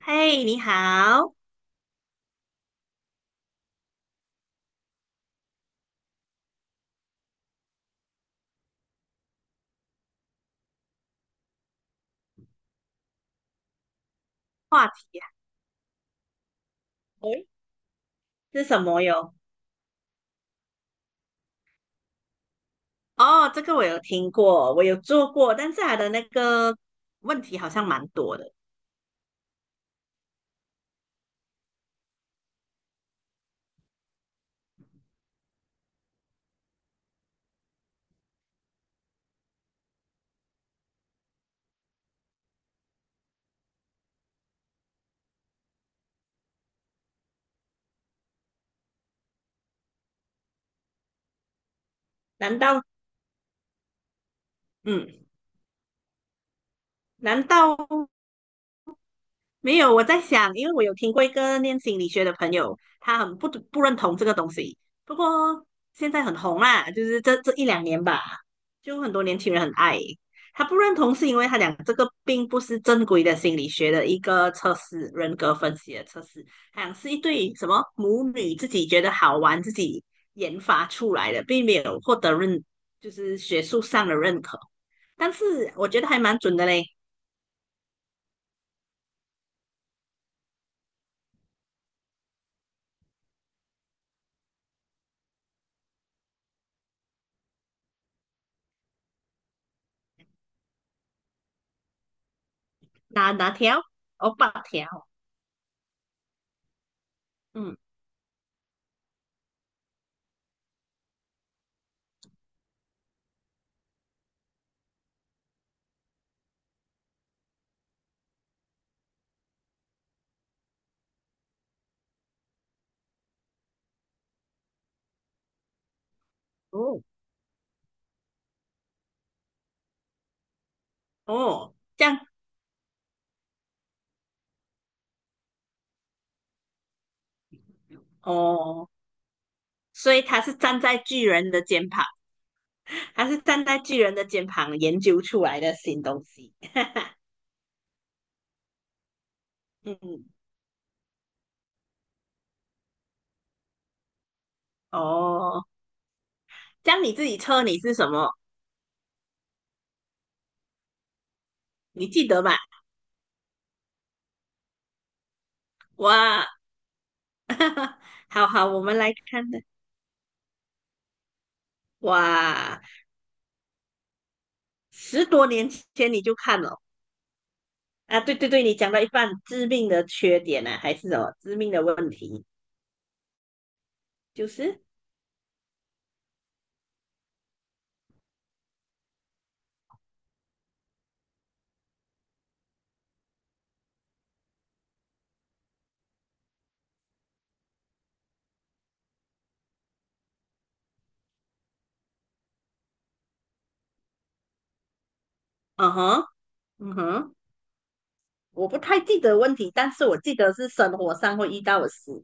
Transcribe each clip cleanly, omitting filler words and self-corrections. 嘿，你好，话题啊，诶，是什么哟？哦，这个我有听过，我有做过，但是它的那个问题好像蛮多的。难道，嗯，难道没有，我在想，因为我有听过一个念心理学的朋友，他很不认同这个东西。不过现在很红啦，就是这一两年吧，就很多年轻人很爱。他不认同是因为他讲这个并不是正规的心理学的一个测试，人格分析的测试，好像是一对什么母女自己觉得好玩，自己研发出来的，并没有获得认，就是学术上的认可。但是我觉得还蛮准的嘞，哪条？哦，八条，嗯。哦哦，这样哦，所以他是站在巨人的肩膀，他是站在巨人的肩膀研究出来的新东西。嗯，哦，这样你自己测你是什么？你记得吧？哇，好好，我们来看的。哇，十多年前你就看了啊？对对对，你讲到一半，致命的缺点呢、啊，还是什么致命的问题？就是，嗯哼，嗯哼。我不太记得问题，但是我记得是生活上会遇到的事。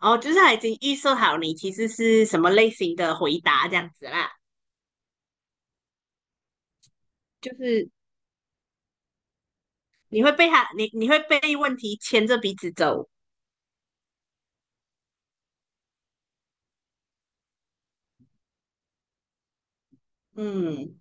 哦，就是他已经预设好你其实是什么类型的回答这样子啦，就是你会被他，你会被问题牵着鼻子走。嗯，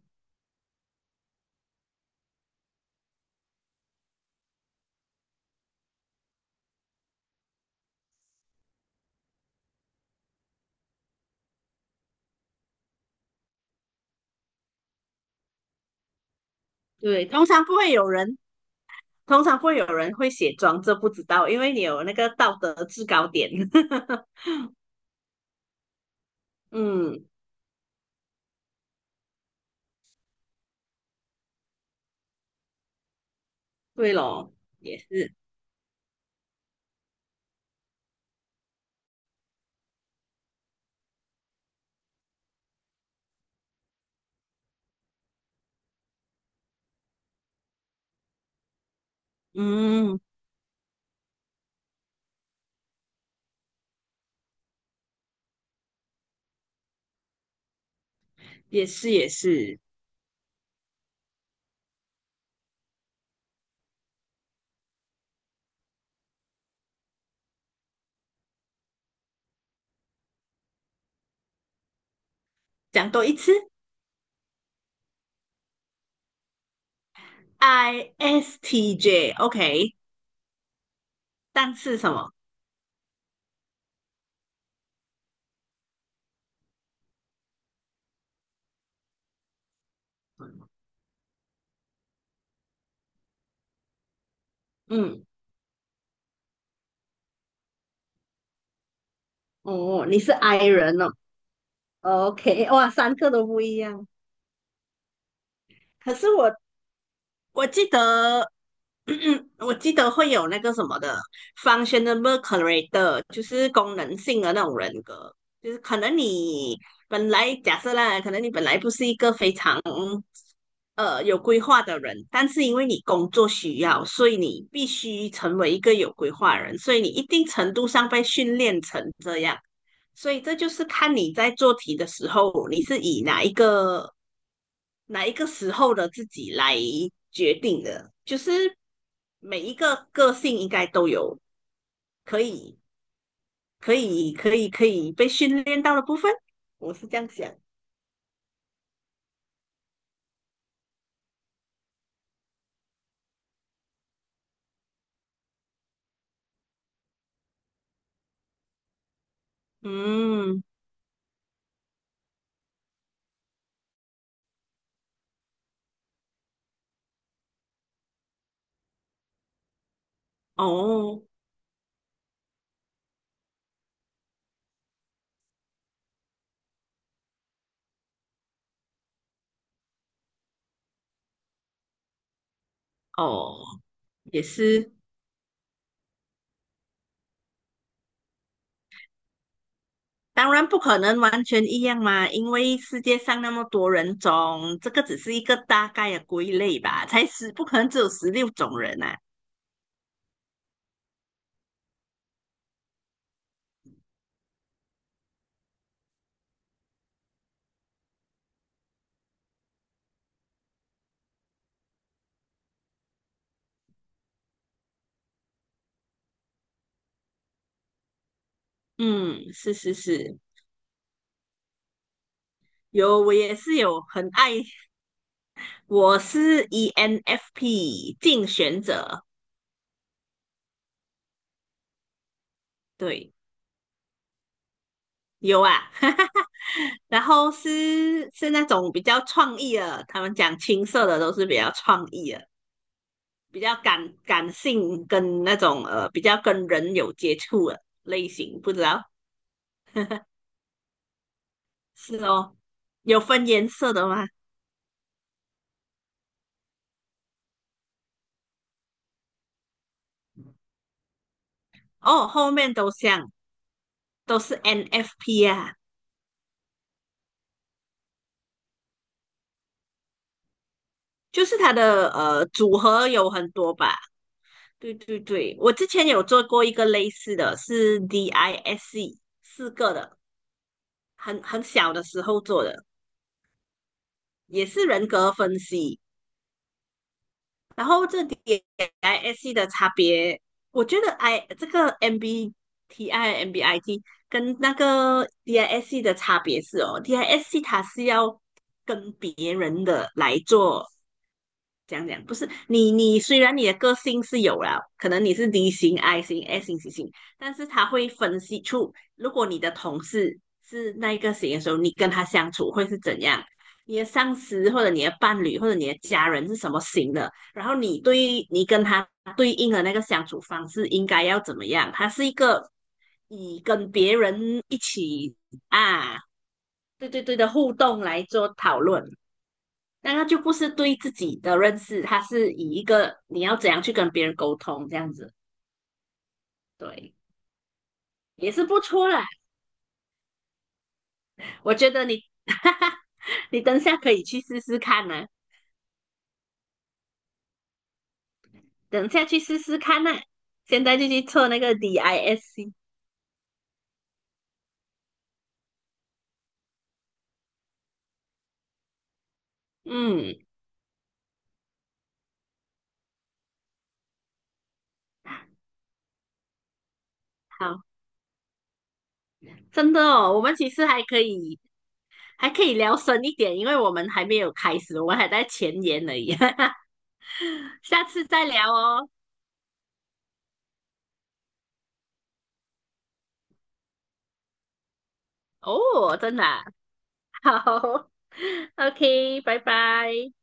对，通常不会有人，通常不会有人会写装这不知道，因为你有那个道德制高点。嗯，对咯，也是，嗯，也是也是，讲多一次，ISTJ，OK，但是什么？嗯。哦，你是 I 人哦，OK，哇，三个都不一样，可是我记得，我记得会有那个什么的 functional character，就是功能性的那种人格，就是可能你本来假设啦，可能你本来不是一个非常有规划的人，但是因为你工作需要，所以你必须成为一个有规划的人，所以你一定程度上被训练成。所以这就是看你在做题的时候，你是以哪一个时候的自己来决定的。就是每一个个性应该都有可以可以被训练到的部分，我是这样想。嗯，哦哦，也是。当然不可能完全一样嘛，因为世界上那么多人种，这个只是一个大概的归类吧，才十，不可能只有十六种人啊。嗯，是是是，有我也是有很爱，我是 ENFP 竞选者，对，有啊，哈哈哈。然后是那种比较创意的，他们讲青色的都是比较创意的，比较感性跟那种比较跟人有接触的类型，不知道是哦，有分颜色的吗？哦，后面都像都是 NFP 啊，就是它的组合有很多吧。对对对，我之前有做过一个类似的，是 DISC 四个的，很小的时候做的，也是人格分析。然后这点 i s C 的差别，我觉得 I 这个 MBTI、MBIT 跟那个 DISC 的差别是哦，DISC 它是要跟别人的来做。讲讲不是你，你虽然你的个性是有了，可能你是 D 型、I 型、S 型、C 型，但是他会分析出，如果你的同事是那一个型的时候，你跟他相处会是怎样，你的上司或者你的伴侣或者你的家人是什么型的，然后你对你跟他对应的那个相处方式应该要怎么样？它是一个以跟别人一起啊，对对对的互动来做讨论，那它就不是对自己的认识，它是以一个你要怎样去跟别人沟通这样子，对，也是不错啦。我觉得你，哈哈，你等下可以去试试看呢、等下去试试看呢、现在就去测那个 DISC，嗯，好。真的哦，我们其实还可以聊深一点，因为我们还没有开始，我们还在前言而已，下次再聊哦。哦，真的啊好 ，OK，拜拜。